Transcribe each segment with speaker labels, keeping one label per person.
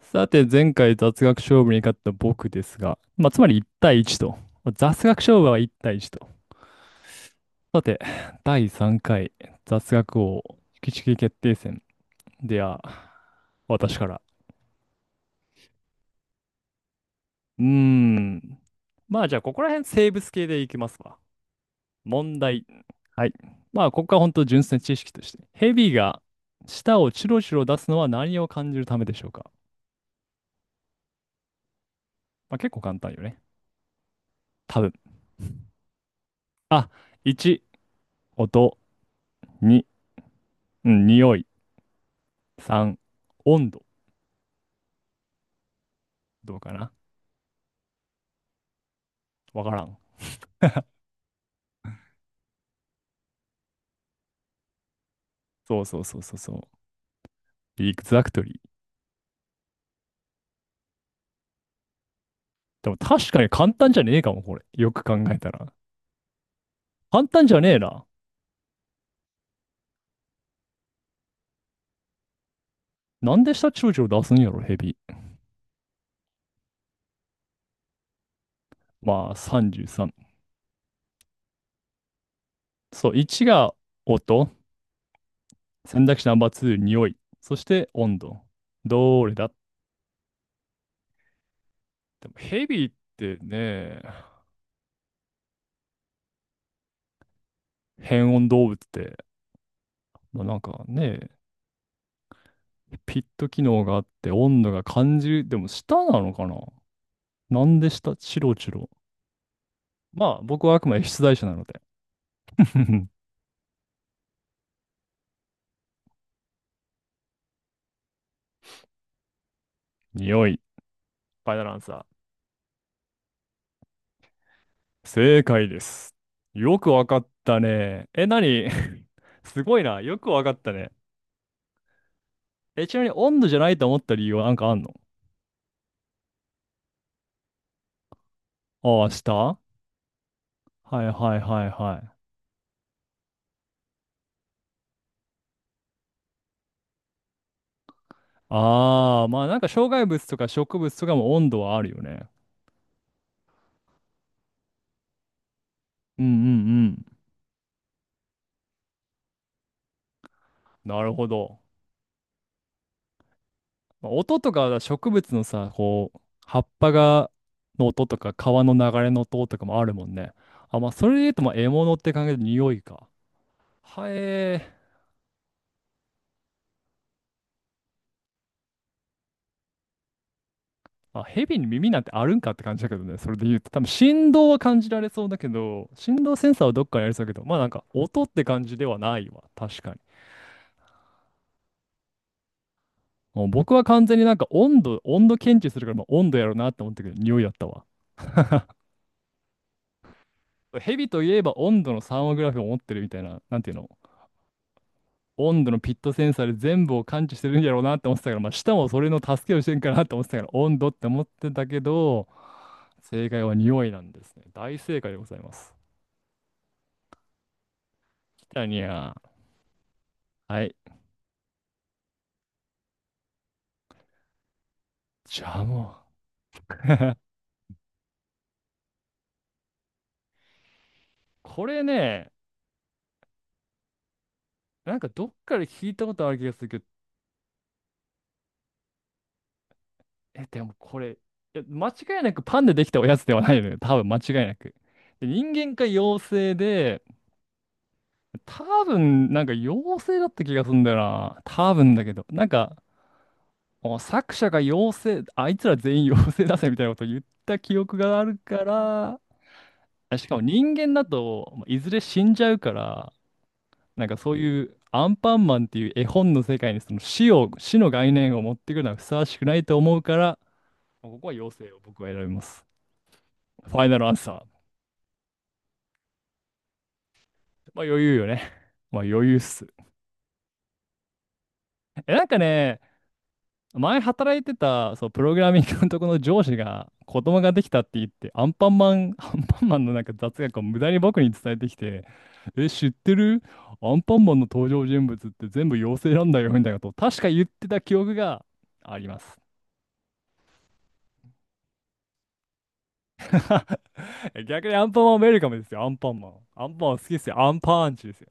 Speaker 1: さて、前回雑学勝負に勝った僕ですが、まあ、つまり1対1と。まあ雑学勝負は1対1と。さて、第3回雑学王引きちき決定戦では、私から。うーん。まあ、じゃあ、ここら辺生物系でいきますわ。問題。はい。まあ、ここは本当純粋な知識として、ヘビが舌をチロチロ出すのは何を感じるためでしょうか？まあ、結構簡単よね。多分。あ、1、音。2、うん、匂い。3、温度。どうかな？わからん。そうそうそうそうそう。エグザクトリー。でも確かに簡単じゃねえかも、これ。よく考えたら。簡単じゃねえな。なんで下長チを出すんやろ、ヘビ。まあ、33。そう、1が音。選択肢ナンバー2、匂い。そして温度。どれだ？でもヘビってね、変温動物って、まあ、なんかね、ピット機能があって温度が感じる。でも下なのかな？なんで下、チロチロ。まあ、僕はあくまで出題者なので。匂い。ファイナルアンサー。正解です。よくわかったね。え、なに？ すごいな。よくわかったね。え、ちなみに温度じゃないと思った理由はなんかあんの？ああ、下はいはいはいはい。ああ、まあなんか障害物とか植物とかも温度はあるよね。うんうんうん。なるほど。まあ音とか植物のさ、こう、葉っぱが、の音とか、川の流れの音とかもあるもんね。あ、まあ、それで言うと、まあ、獲物って感じで匂いか。はえー。まあ、蛇に耳なんてあるんかって感じだけどね。それで言うと、多分振動は感じられそうだけど、振動センサーはどっかにありそうだけど、まあなんか音って感じではないわ。確かに。もう僕は完全になんか温度、温度検知するから、まあ、温度やろうなって思ったけど、匂いだったわ。蛇といえば温度のサーモグラフィーを持ってるみたいな、なんていうの？温度のピットセンサーで全部を感知してるんやろうなって思ってたから、まあ、舌もそれの助けをしてんかなって思ってたから、温度って思ってたけど、正解は匂いなんですね。大正解でございます。きたにゃー。はい。じゃあもう。これね、なんかどっかで聞いたことある気がするけど、え、でもこれ、いや間違いなくパンでできたおやつではないのよ。多分間違いなく。で人間か妖精で、多分なんか妖精だった気がするんだよな。多分だけど。なんか、お作者が妖精、あいつら全員妖精だぜみたいなことを言った記憶があるから、あしかも人間だとまあいずれ死んじゃうから、なんかそういうアンパンマンっていう絵本の世界にその死を、死の概念を持ってくるのはふさわしくないと思うから、まあここは妖精を僕は選びます。ファイナルアンサー。まあ余裕よね。まあ余裕っす。え、なんかね、前働いてた、そう、プログラミングのとこの上司が子供ができたって言って、アンパンマン、アンパンマンのなんか雑学を無駄に僕に伝えてきて、え、知ってる？アンパンマンの登場人物って全部妖精なんだよ、みたいなことを確か言ってた記憶があります。逆にアンパンマンウェルカムですよ、アンパンマン。アンパンマン好きですよ、アンパンチですよ。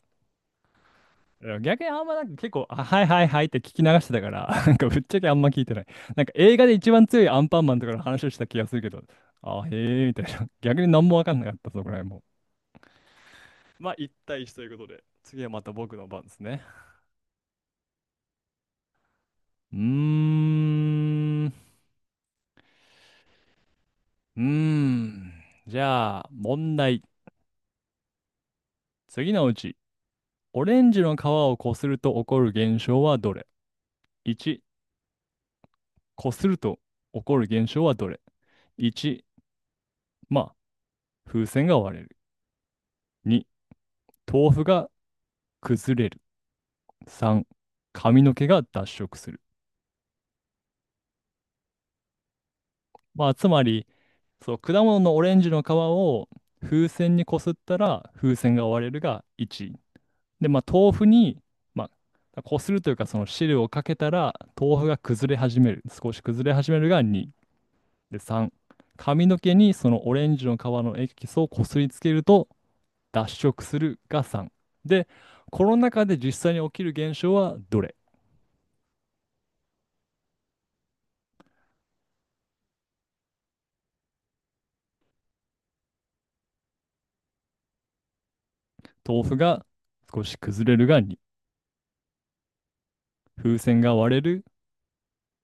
Speaker 1: いや逆にあんまなんか結構、あ、はいはいはいって聞き流してたから、なんかぶっちゃけあんま聞いてない。なんか映画で一番強いアンパンマンとかの話をした気がするけど、あ、へえ、みたいな。逆に何もわかんなかった、そこら辺も。まあ、一対一ということで、次はまた僕の番ですね。うーん。じゃあ、問題。次のうち、オレンジの皮をこすると起こる現象はどれ？ 1、こすると起こる現象はどれ？ 1、まあ、風船が割れる。に、豆腐が崩れる。3、髪の毛が脱色する。まあ、つまり、そう、果物のオレンジの皮を風船にこすったら風船が割れるが1。で、まあ、豆腐に、まあ、こするというか、その汁をかけたら豆腐が崩れ始める。少し崩れ始めるが2。で、3、髪の毛にそのオレンジの皮のエキスをこすりつけると脱色するが3。で、この中で実際に起きる現象はどれ？豆腐が少し崩れるがに、風船が割れる。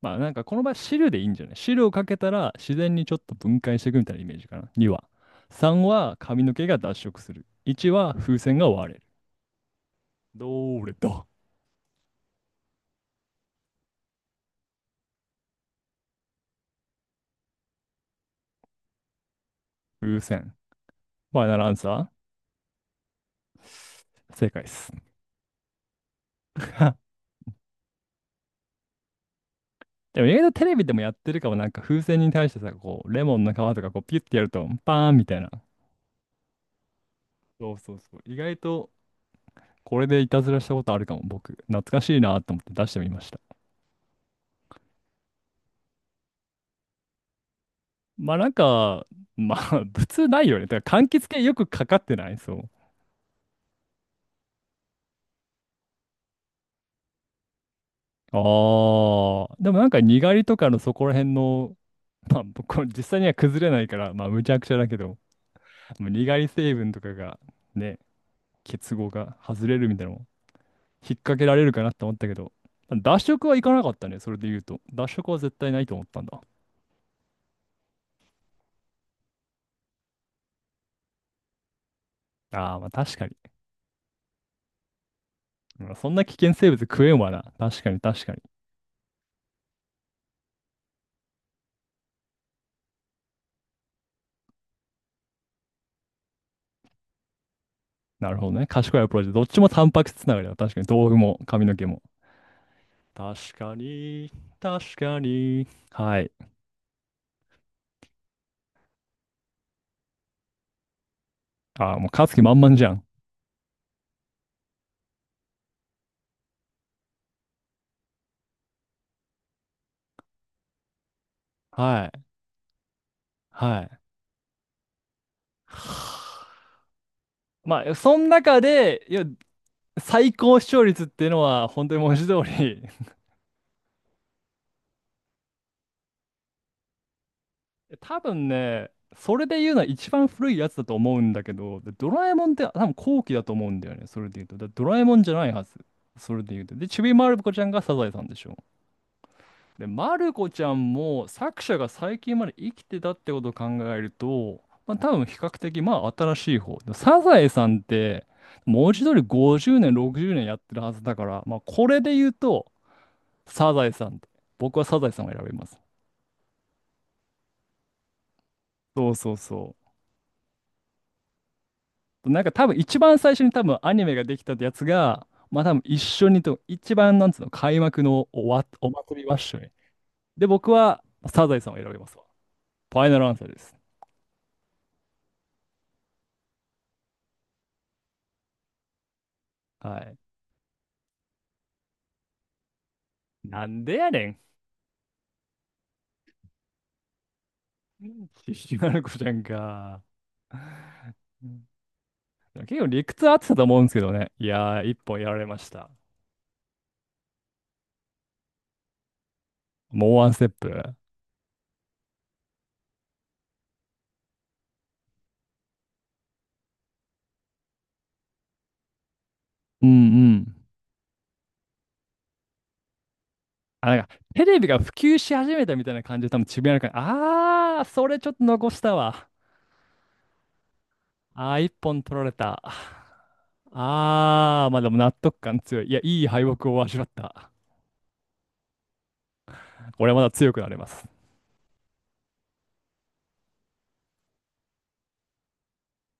Speaker 1: まあなんかこの場合汁でいいんじゃない、汁をかけたら自然にちょっと分解していくみたいなイメージかな。2は。3は髪の毛が脱色する。1は風船が割れる。どれだ？風船。ファイナルアンサー。正解です。でも意外とテレビでもやってるかも、なんか風船に対してさ、こうレモンの皮とかこうピュッてやるとパーンみたいな。そうそうそう。意外とこれでいたずらしたことあるかも僕。懐かしいなと思って出してみました。まあなんか、まあ 普通ないよね。だから柑橘系よくかかってないそう。ああ、でもなんかにがりとかのそこら辺の、まあこれ実際には崩れないから、まあむちゃくちゃだけど、もうにがり成分とかがね、結合が外れるみたいなのも引っ掛けられるかなと思ったけど、脱色はいかなかったね、それで言うと。脱色は絶対ないと思ったんだ。ああ、まあ確かに。まあそんな危険生物食えんわな。確かに確かに。なるほどね。賢いアプローチ。どっちもタンパク質つながりだ。確かに。豆腐も髪の毛も。確かに、確かに。はい。あ、もう勝つ気満々じゃん。はい。はい。はあ、まあ、その中で、いや、最高視聴率っていうのは、本当に文字通り 多分ね、それで言うのは一番古いやつだと思うんだけど、でドラえもんって多分後期だと思うんだよね、それで言うと。だドラえもんじゃないはず、それで言うと。で、ちびまる子ちゃんがサザエさんでしょ。で、マルコちゃんも作者が最近まで生きてたってことを考えると、まあ多分比較的まあ新しい方。でサザエさんって文字通り50年、60年やってるはずだから、まあこれで言うとサザエさんって。僕はサザエさんを選びます。そうそうそう。なんか多分一番最初に多分アニメができたってやつが、まあ多分一緒にと、一番なんつうの、開幕のおわ、お祭りは一緒に。で、僕はサザエさんを選びますわ。ファイナルアンサーです。はい。なんでやねん。ひきまる子ちゃんか。うん、結構理屈合ってたと思うんですけどね。いやー、一本やられました。もうワンステップ。うんうん。あ、なんか、テレビが普及し始めたみたいな感じで多分ちびまる子ちゃん。あー、それちょっと残したわ。あー、一本取られた。あー、まあでも納得感強い。いや、いい敗北を味わった。俺まだ強くなれます。